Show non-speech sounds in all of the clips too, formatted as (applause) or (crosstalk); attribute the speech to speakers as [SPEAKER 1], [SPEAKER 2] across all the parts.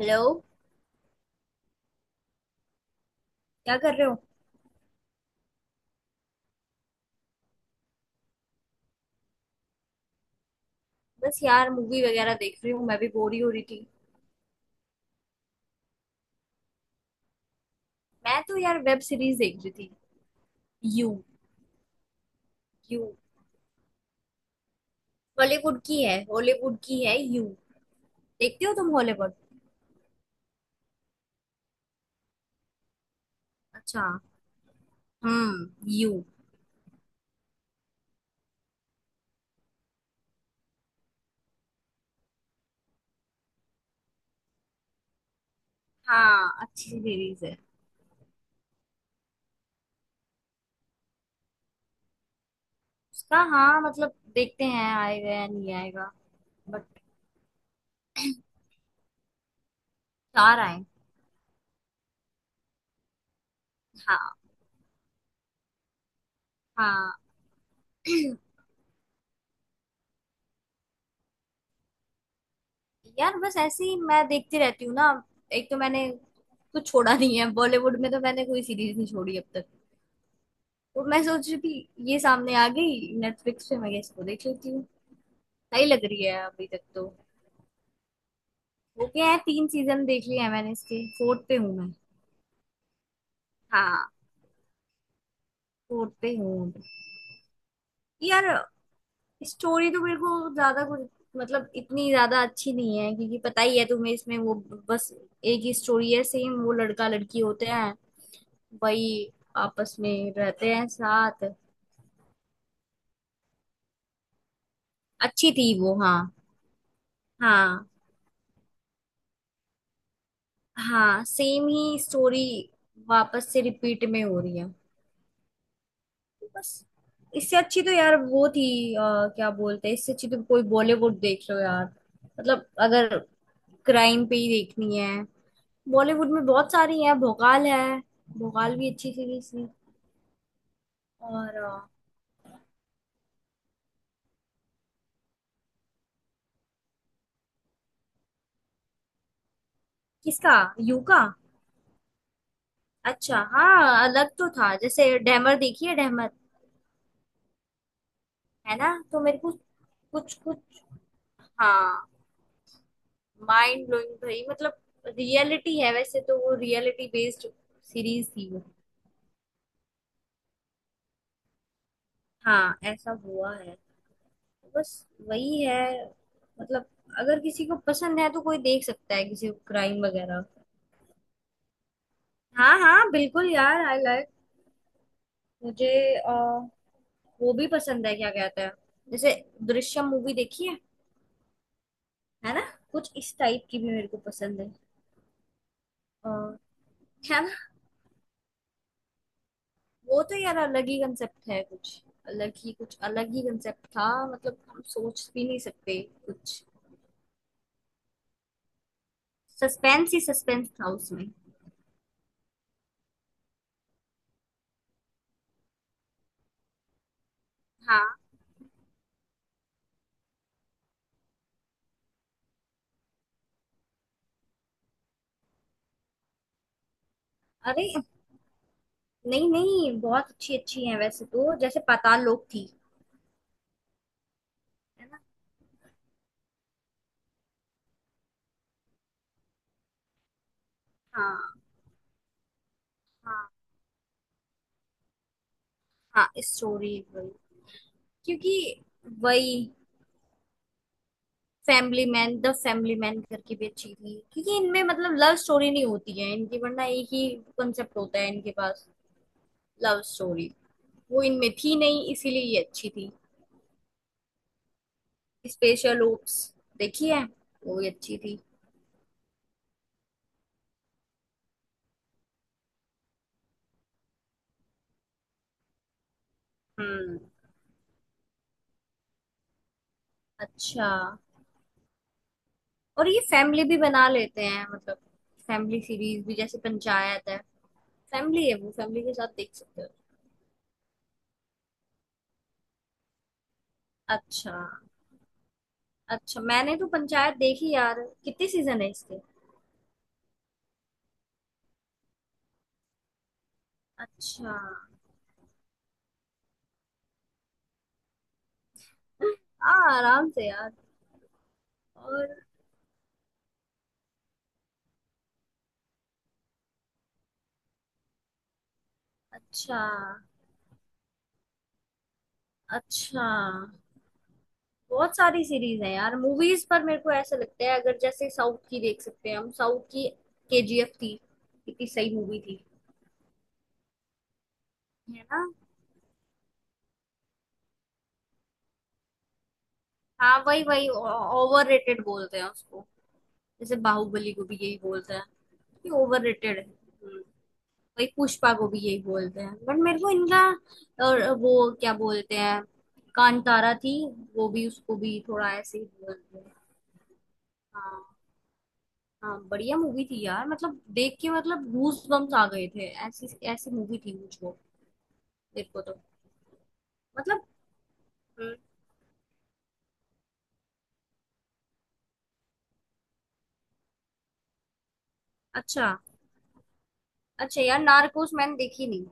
[SPEAKER 1] Hello. क्या कर रहे हो? बस यार मूवी वगैरह देख रही हूँ। मैं भी बोर ही हो रही थी। मैं तो यार वेब सीरीज देख रही थी। यू। यू बॉलीवुड की है हॉलीवुड की है? यू देखते हो तुम हॉलीवुड? अच्छा। हम्म। यू। हाँ, अच्छी सीरीज है। उसका हाँ, मतलब देखते हैं आएगा या नहीं आएगा। बट चार आए? हाँ, हाँ। यार बस ऐसे ही मैं देखती रहती हूँ ना। एक तो मैंने कुछ छोड़ा नहीं है बॉलीवुड में, तो मैंने कोई सीरीज नहीं छोड़ी अब तक। तो मैं सोच रही थी ये सामने आ गई नेटफ्लिक्स पे, मैं इसको देख लेती हूँ। सही लग रही है अभी तक तो। हो गया है, तीन सीजन देख लिए हैं मैंने, इसके फोर्थ पे हूँ मैं। हाँ फोर्थ पे हूँ अभी। यार स्टोरी तो मेरे को ज्यादा कुछ, मतलब इतनी ज्यादा अच्छी नहीं है, क्योंकि पता ही है तुम्हें इसमें वो, बस एक ही स्टोरी है सेम, वो लड़का लड़की होते हैं वही, आपस में रहते हैं साथ। अच्छी थी वो, हाँ। हाँ, हाँ सेम ही स्टोरी वापस से रिपीट में हो रही है बस। इससे अच्छी तो यार वो थी, क्या बोलते हैं, इससे अच्छी तो कोई बॉलीवुड देख लो यार, मतलब अगर क्राइम पे ही देखनी है, बॉलीवुड में बहुत सारी है। भोकाल है। भोकाल भी अच्छी सीरीज थी। और किसका? यू का? अच्छा, हाँ, अलग तो था, जैसे डैमर देखी है? डैमर? है ना, तो मेरे को कुछ कुछ, हाँ। माइंड ब्लोइंग भाई, मतलब रियलिटी है वैसे तो, वो रियलिटी बेस्ड सीरीज थी वो। हाँ, ऐसा हुआ है, बस। वही है, मतलब अगर किसी को पसंद है तो कोई देख सकता है, किसी को क्राइम वगैरह। हाँ, हाँ, बिल्कुल यार, आई लाइक। मुझे अ, वो भी पसंद है, क्या कहते हैं, जैसे दृश्यम मूवी देखी है? है ना, कुछ इस टाइप की भी मेरे को पसंद है। अ, है ना? वो तो यार अलग ही कंसेप्ट है कुछ, अलग ही कुछ, अलग ही कंसेप्ट था, मतलब हम सोच भी नहीं सकते कुछ। सस्पेंस ही सस्पेंस था उसमें। हाँ, अरे नहीं, नहीं, बहुत अच्छी अच्छी है वैसे तो, जैसे पाताल लोक थी। है ना, हाँ, हाँ, हाँ, स्टोरी वही, क्योंकि वही। Family man, the family man करके भी अच्छी थी, क्योंकि इनमें मतलब लव स्टोरी नहीं होती है इनकी, वरना एक ही कंसेप्ट होता है इनके पास। लव स्टोरी वो इनमें थी नहीं, इसीलिए ये अच्छी थी। स्पेशल ओप्स देखी है? वो भी अच्छी थी। हम्म, अच्छा। और ये फैमिली भी बना लेते हैं, मतलब फैमिली सीरीज भी, जैसे पंचायत है। फैमिली है वो, फैमिली के साथ देख सकते हो। अच्छा, अच्छा मैंने तो पंचायत देखी यार, कितने सीजन है इसके? अच्छा। आ, आराम से यार। और अच्छा, अच्छा। बहुत सारी सीरीज है यार, मूवीज पर मेरे को ऐसा लगता है, अगर जैसे साउथ की देख सकते हैं हम, साउथ की केजीएफ थी, कितनी सही मूवी थी। है ना, हाँ, वही वही ओवर रेटेड बोलते हैं उसको, जैसे बाहुबली को भी यही बोलते हैं कि ओवररेटेड है। वही पुष्पा को भी यही बोलते हैं, बट मेरे को इनका, और वो क्या बोलते हैं, कांतारा थी, वो भी उसको भी थोड़ा ऐसे ही बोलते हैं। हाँ, हाँ, बढ़िया मूवी थी यार, मतलब देख के मतलब गूज बम्स आ गए थे, ऐसी ऐसी मूवी थी मुझको, देखो तो मतलब। हम्म, अच्छा। अच्छा यार, नार्कोस मैंने देखी नहीं,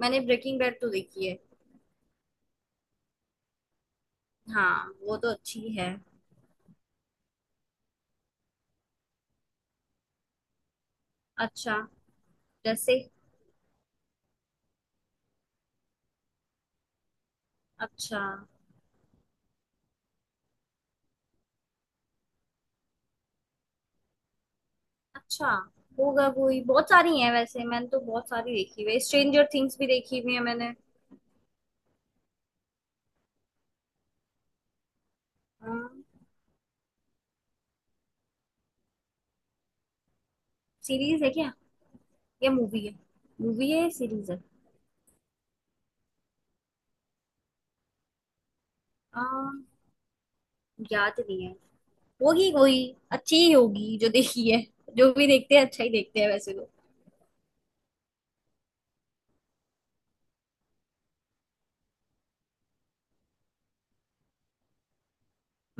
[SPEAKER 1] मैंने ब्रेकिंग बैड तो देखी है। हाँ, वो तो अच्छी है। अच्छा। जैसे? अच्छा, अच्छा। होगा कोई, बहुत सारी हैं वैसे, मैंने तो बहुत सारी देखी हुई है, स्ट्रेंजर थिंग्स भी देखी हुई है मैंने। सीरीज है क्या या मूवी है? मूवी है सीरीज है? आ, याद नहीं है, होगी कोई। अच्छी ही होगी जो देखी है, जो भी देखते हैं अच्छा ही देखते हैं वैसे तो।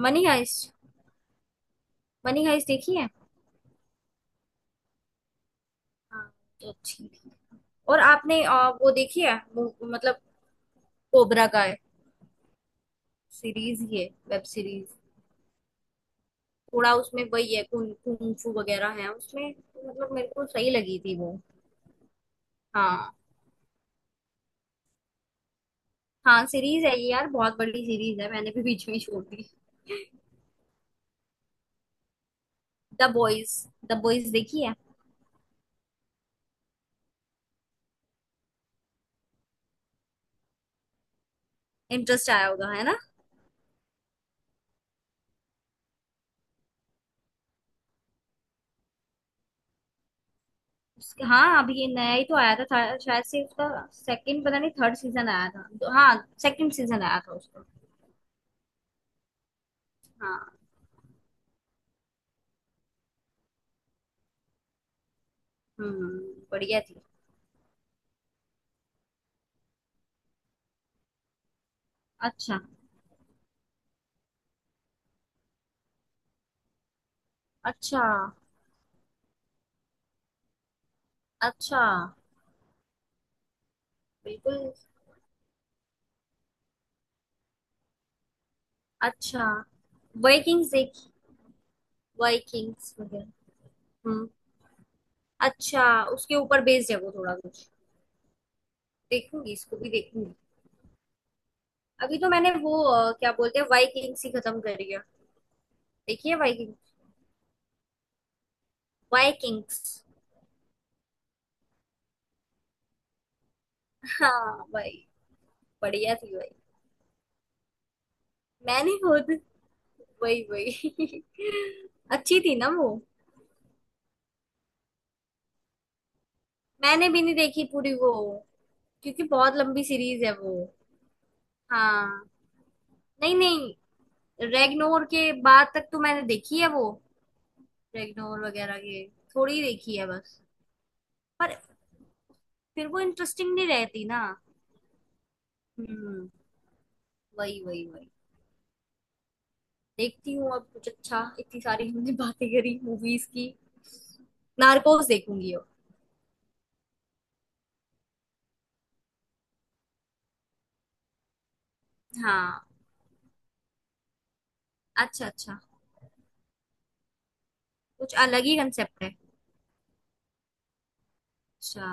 [SPEAKER 1] Money heist. मनी हाइस्ट देखी है? हाँ तो अच्छी थी। और आपने वो देखी है? मतलब कोबरा का है? सीरीज ही है वेब सीरीज। थोड़ा उसमें वही है, कुंफू वगैरह है उसमें, तो मतलब मेरे को सही लगी थी वो। हाँ, हाँ सीरीज है ये यार, बहुत बड़ी सीरीज है, मैंने भी बीच में ही छोड़ दी। The boys. द बॉयज देखी है? इंटरेस्ट आया होगा, है ना? हाँ, अभी ये नया ही तो आया था शायद से, उसका सेकंड पता नहीं थर्ड सीजन आया था, हाँ, सेकंड सीजन आया था उसका। हाँ। हम्म। बढ़िया थी। अच्छा, अच्छा, अच्छा, बिल्कुल, अच्छा। वाइकिंग्स देखी? वाइकिंग्स वगैरह? हम्म, अच्छा। उसके ऊपर बेस्ड है वो थोड़ा कुछ। देखूंगी, इसको भी देखूंगी। अभी तो मैंने वो क्या बोलते हैं वाइकिंग्स ही खत्म करी है। देखिए वाइकिंग। वाइकिंग्स। हाँ भाई, बढ़िया थी भाई, मैंने खुद वही, वही (laughs) अच्छी थी ना वो। मैंने भी नहीं देखी पूरी वो, क्योंकि बहुत लंबी सीरीज है वो। हाँ, नहीं, नहीं, रेगनोर के बाद तक तो मैंने देखी है वो, रेगनोर वगैरह के थोड़ी देखी है बस। पर फिर वो इंटरेस्टिंग नहीं रहती ना। हम्म, वही वही वही। देखती हूँ अब कुछ अच्छा। इतनी सारी हमने (laughs) बातें करी मूवीज की। नार्कोस देखूंगी अब। हाँ, अच्छा, अच्छा। कुछ अलग ही कंसेप्ट है। अच्छा,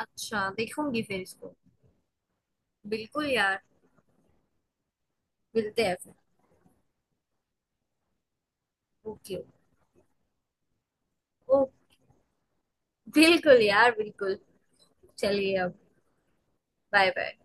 [SPEAKER 1] अच्छा देखूंगी फिर इसको। बिल्कुल यार, मिलते हैं फिर। ओके। ओ, बिल्कुल यार, बिल्कुल। चलिए अब। Bye bye.